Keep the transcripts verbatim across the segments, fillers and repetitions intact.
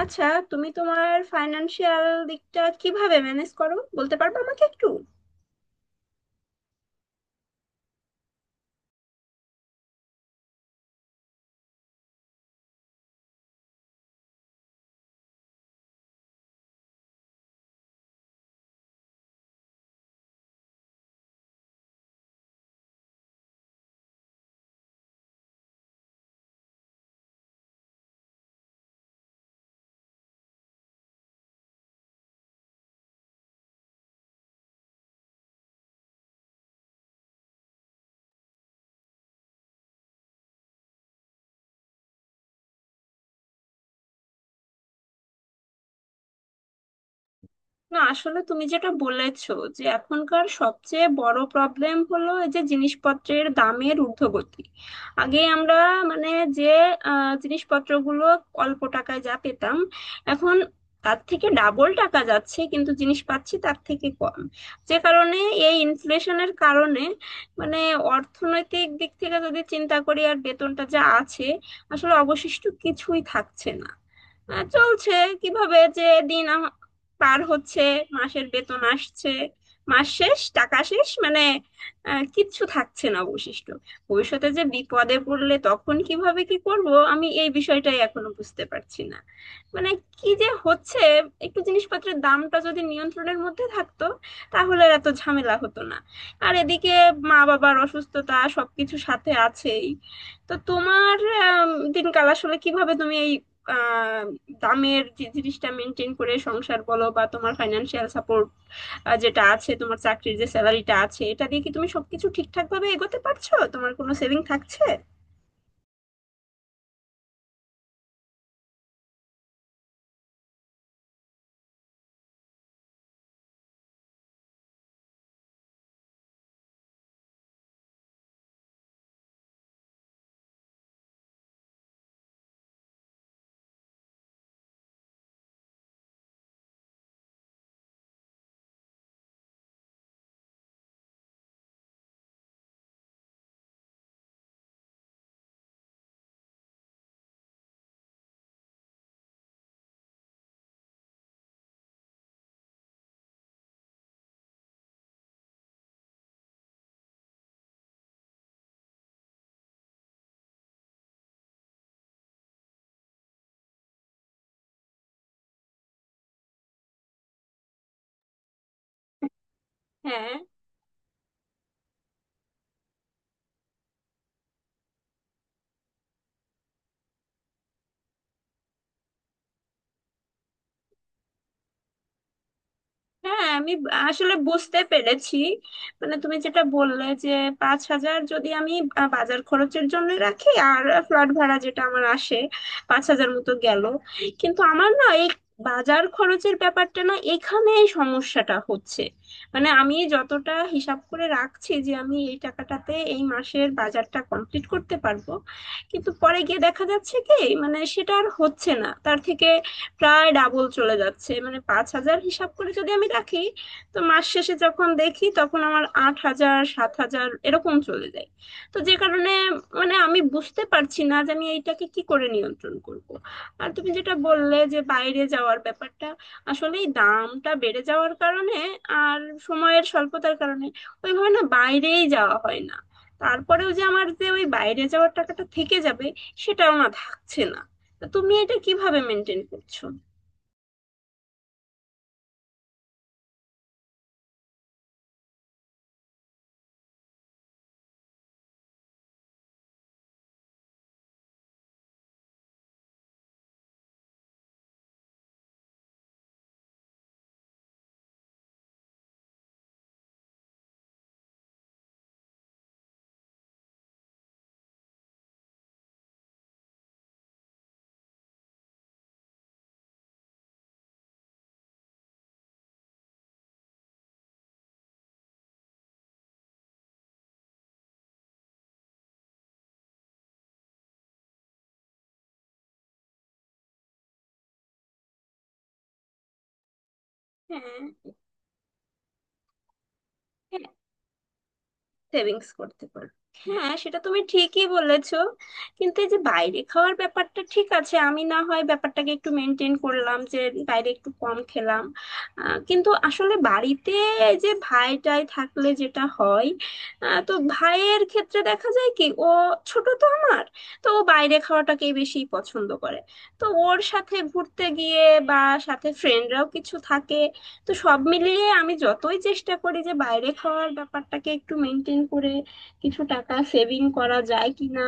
আচ্ছা, তুমি তোমার ফাইন্যান্সিয়াল দিকটা কিভাবে ম্যানেজ করো বলতে পারবে আমাকে একটু? না, আসলে তুমি যেটা বলেছো যে এখনকার সবচেয়ে বড় প্রবলেম হলো এই যে জিনিসপত্রের দামের ঊর্ধ্বগতি। আগে আমরা, মানে, যে আহ, জিনিসপত্রগুলো অল্প টাকায় যা পেতাম এখন তার থেকে ডাবল টাকা যাচ্ছে, কিন্তু জিনিস পাচ্ছি তার থেকে কম। যে কারণে এই ইনফ্লেশনের কারণে, মানে, অর্থনৈতিক দিক থেকে যদি চিন্তা করি আর বেতনটা যা আছে, আসলে অবশিষ্ট কিছুই থাকছে না। আহ, চলছে কিভাবে, যে দিন পার হচ্ছে, মাসের বেতন আসছে, মাস শেষ টাকা শেষ, মানে, আহ, কিচ্ছু থাকছে না অবশিষ্ট। ভবিষ্যতে যে বিপদে পড়লে তখন কিভাবে কি করব, আমি এই বিষয়টাই এখনো বুঝতে পারছি না, মানে, কি যে হচ্ছে। একটু জিনিসপত্রের দামটা যদি নিয়ন্ত্রণের মধ্যে থাকতো তাহলে আর এত ঝামেলা হতো না। আর এদিকে মা বাবার অসুস্থতা সবকিছু সাথে আছেই। তো তোমার আম, দিনকাল আসলে কিভাবে তুমি এই দামের যে জিনিসটা মেনটেন করে সংসার বলো বা তোমার ফাইন্যান্সিয়াল সাপোর্ট যেটা আছে, তোমার চাকরির যে স্যালারিটা আছে এটা দিয়ে কি তুমি সবকিছু ঠিকঠাক ভাবে এগোতে পারছো, তোমার কোনো সেভিং থাকছে? হ্যাঁ, হ্যাঁ, আমি আসলে বুঝতে পেরেছি। মানে তুমি যেটা বললে যে পাঁচ হাজার যদি আমি আহ, বাজার খরচের জন্য রাখি, আর ফ্ল্যাট ভাড়া যেটা আমার আসে পাঁচ হাজার মতো গেল, কিন্তু আমার না এই বাজার খরচের ব্যাপারটা, না, এখানেই সমস্যাটা হচ্ছে। মানে আমি যতটা হিসাব করে রাখছি যে আমি এই টাকাটাতে এই মাসের বাজারটা কমপ্লিট করতে পারবো, কিন্তু পরে গিয়ে দেখা যাচ্ছে কি, মানে সেটা আর হচ্ছে না, তার থেকে প্রায় ডাবল চলে যাচ্ছে। মানে পাঁচ হাজার হিসাব করে যদি আমি রাখি তো মাস শেষে যখন দেখি তখন আমার আট হাজার সাত হাজার এরকম চলে যায়। তো যে কারণে, মানে আমি বুঝতে পারছি না যে আমি এইটাকে কি করে নিয়ন্ত্রণ করব। আর তুমি যেটা বললে যে বাইরে যাওয়ার ব্যাপারটা, আসলে এই দামটা বেড়ে যাওয়ার কারণে আর সময়ের স্বল্পতার কারণে ওইভাবে না বাইরেই যাওয়া হয় না। তারপরেও যে আমার যে ওই বাইরে যাওয়ার টাকাটা থেকে যাবে সেটাও না, থাকছে না। তা তুমি এটা কিভাবে মেনটেন করছো? হ্যাঁ, সেভিংস করতে পারো। হ্যাঁ, সেটা তুমি ঠিকই বলেছো, কিন্তু এই যে বাইরে খাওয়ার ব্যাপারটা ঠিক আছে, আমি না হয় ব্যাপারটাকে একটু মেনটেন করলাম যে বাইরে একটু কম খেলাম, আহ, কিন্তু আসলে বাড়িতে এই যে ভাইটাই থাকলে যেটা হয়, আহ, তো ভাইয়ের ক্ষেত্রে দেখা যায় কি ও ছোট তো আমার, তো ও বাইরে খাওয়াটাকেই বেশি পছন্দ করে। তো ওর সাথে ঘুরতে গিয়ে বা সাথে ফ্রেন্ডরাও কিছু থাকে, তো সব মিলিয়ে আমি যতই চেষ্টা করি যে বাইরে খাওয়ার ব্যাপারটাকে একটু মেনটেন করে কিছু টাকা সেভিং করা যায় কিনা,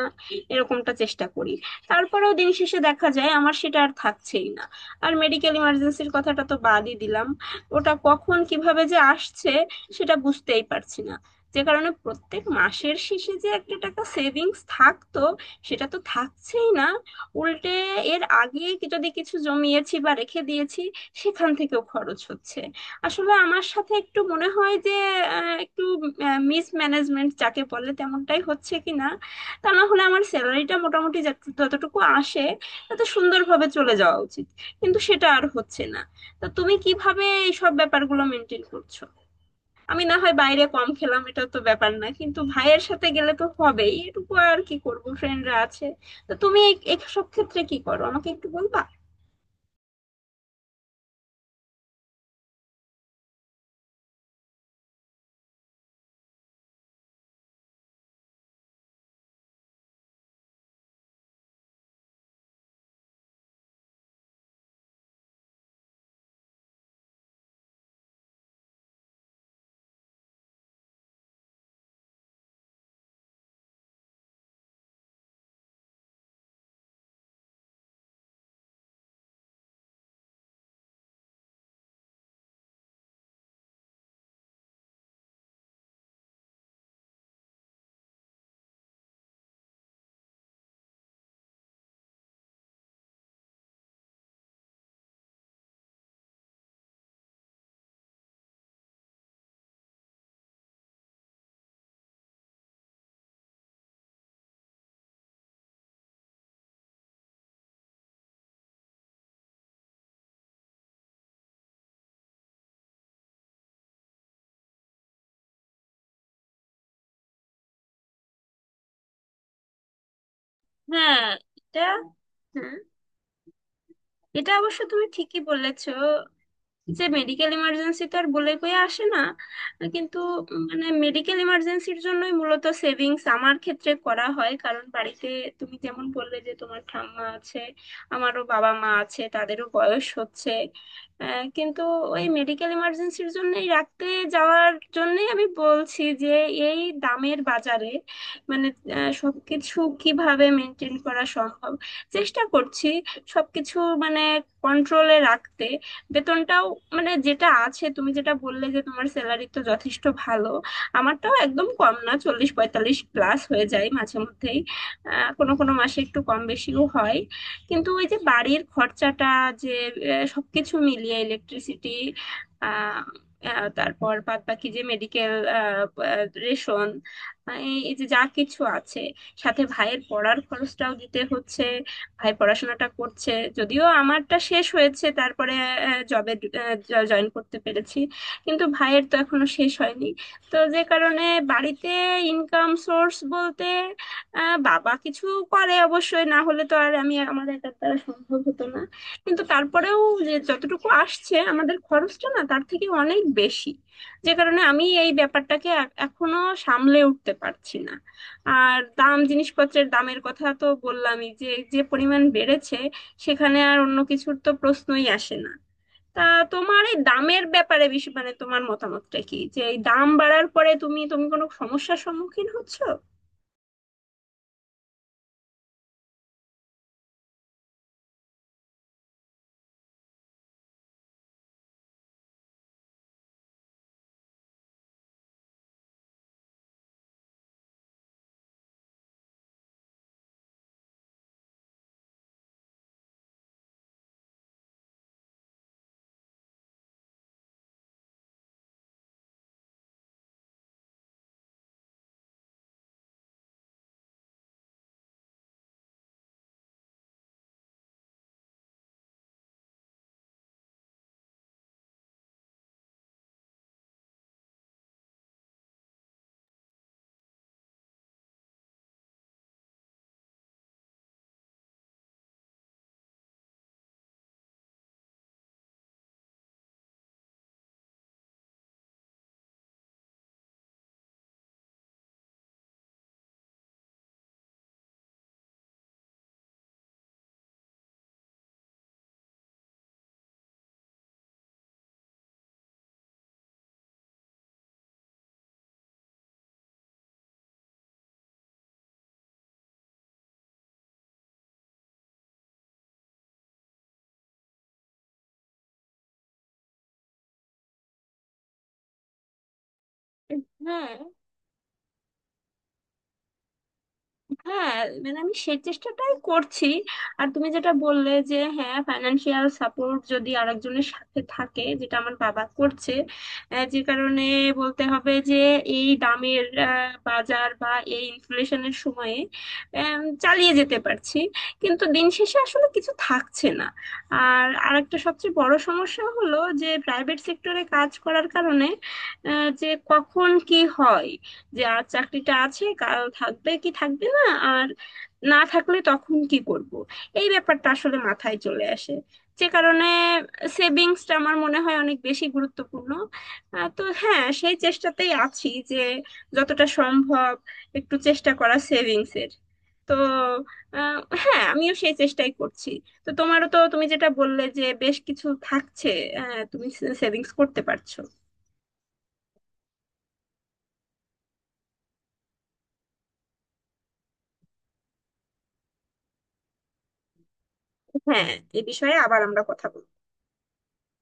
এরকমটা চেষ্টা করি। তারপরেও দিন শেষে দেখা যায় আমার সেটা আর থাকছেই না। আর মেডিকেল ইমার্জেন্সির কথাটা তো বাদই দিলাম, ওটা কখন কিভাবে যে আসছে সেটা বুঝতেই পারছি না। যে কারণে প্রত্যেক মাসের শেষে যে একটা টাকা সেভিংস থাকতো সেটা তো থাকছেই না, উল্টে এর আগে কি- যদি কিছু জমিয়েছি বা রেখে দিয়েছি সেখান থেকেও খরচ হচ্ছে। আসলে আমার সাথে একটু মনে হয় যে আহ, একটু মিসম্যানেজমেন্ট যাকে বলে তেমনটাই হচ্ছে কিনা, তা না হলে আমার স্যালারিটা মোটামুটি যত- যতটুকু আসে তত সুন্দরভাবে চলে যাওয়া উচিত, কিন্তু সেটা আর হচ্ছে না। তা তুমি কিভাবে এই সব ব্যাপারগুলো মেনটেন করছো? আমি না হয় বাইরে কম খেলাম, এটা তো ব্যাপার না, কিন্তু ভাইয়ের সাথে গেলে তো হবেই, এটুকু আর কি করবো, ফ্রেন্ডরা আছে। তো তুমি এই- এইসব ক্ষেত্রে কি করো আমাকে একটু বলবা? হ্যাঁ এটা হ্যাঁ, এটা অবশ্য তুমি ঠিকই বলেছো যে মেডিকেল ইমার্জেন্সি তো আর বলে কয়ে আসে না, কিন্তু, মানে মেডিকেল ইমার্জেন্সির জন্যই মূলত সেভিংস আমার ক্ষেত্রে করা হয়, কারণ বাড়িতে তুমি যেমন বললে যে তোমার ঠাম্মা আছে, আমারও বাবা মা আছে, তাদেরও বয়স হচ্ছে। আহ, কিন্তু ওই মেডিকেল ইমার্জেন্সির জন্যই রাখতে যাওয়ার জন্যই আমি বলছি যে এই দামের বাজারে, মানে, আহ, সবকিছু কিভাবে মেনটেন করা সম্ভব, চেষ্টা করছি সবকিছু, মানে, কন্ট্রোলে রাখতে। বেতনটাও, মানে, যেটা আছে, তুমি যেটা বললে যে তোমার স্যালারি তো যথেষ্ট ভালো, আমারটাও একদম কম না, চল্লিশ পঁয়তাল্লিশ প্লাস হয়ে যায় মাঝে মধ্যেই। আহ, কোনো কোনো মাসে একটু কম বেশিও হয়। কিন্তু ওই যে বাড়ির খরচাটা, যে আহ, সবকিছু মিলিয়ে ইলেকট্রিসিটি, আহ আহ, তারপর বাদ বাকি যে মেডিকেল, রেশন, এই এই যে যা কিছু আছে, সাথে ভাইয়ের পড়ার খরচটাও দিতে হচ্ছে। ভাই পড়াশোনাটা করছে, যদিও আমারটা শেষ হয়েছে, তারপরে জবে জয়েন করতে পেরেছি, কিন্তু ভাইয়ের তো এখনো শেষ হয়নি। তো যে কারণে বাড়িতে ইনকাম সোর্স বলতে আহ, বাবা কিছু করে অবশ্যই, না হলে তো আর আমি আমার একার দ্বারা সম্ভব হতো না। কিন্তু তারপরেও যে যতটুকু আসছে আমাদের খরচটা না তার থেকে অনেক বেশি। যে কারণে আমি এই ব্যাপারটাকে এ- এখনো সামলে উঠতে পারছি না। আর দাম, জিনিসপত্রের দামের কথা তো বললামই, যে যে পরিমাণ বেড়েছে সেখানে আর অন্য কিছুর তো প্রশ্নই আসে না। তা তোমার এই দামের ব্যাপারে বেশি, মানে তোমার মতামতটা কি, যে এই দাম বাড়ার পরে তুমি তুমি কোনো সমস্যার সম্মুখীন হচ্ছো? হ্যাঁ, হ্যাঁ, মানে আমি সেই চেষ্টাটাই করছি। আর তুমি যেটা বললে যে, হ্যাঁ, ফাইনান্সিয়াল সাপোর্ট যদি আরেকজনের সাথে থাকে, যেটা আমার বাবা করছে, আহ, যে কারণে বলতে হবে যে এই দামের আহ, বাজার বা এই ইনফ্লেশনের সময়ে আম, চালিয়ে যেতে পারছি, কিন্তু দিন শেষে আসলে কিছু থাকছে না। আর আরেকটা সবচেয়ে বড় সমস্যা হলো যে প্রাইভেট সেক্টরে কাজ করার কারণে আহ, যে কখন কি হয়, যে আজ চাকরিটা আছে কাল থাকবে কি থাকবে না, আর না থাকলে তখন কি করব, এই ব্যাপারটা আসলে মাথায় চলে আসে। যে কারণে সেভিংসটা আমার মনে হয় অনেক বেশি গুরুত্বপূর্ণ। আহ, তো হ্যাঁ, সেই চেষ্টাতেই আছি যে যতটা সম্ভব একটু চেষ্টা করা সেভিংসের। তো আহ, হ্যাঁ, আমিও সেই চেষ্টাই করছি। তো তোমারও, তো তুমি যেটা বললে যে বেশ কিছু থাকছে, আহ, তুমি সেভিংস করতে পারছো। হ্যাঁ, এ বিষয়ে আবার আমরা কথা বলবো।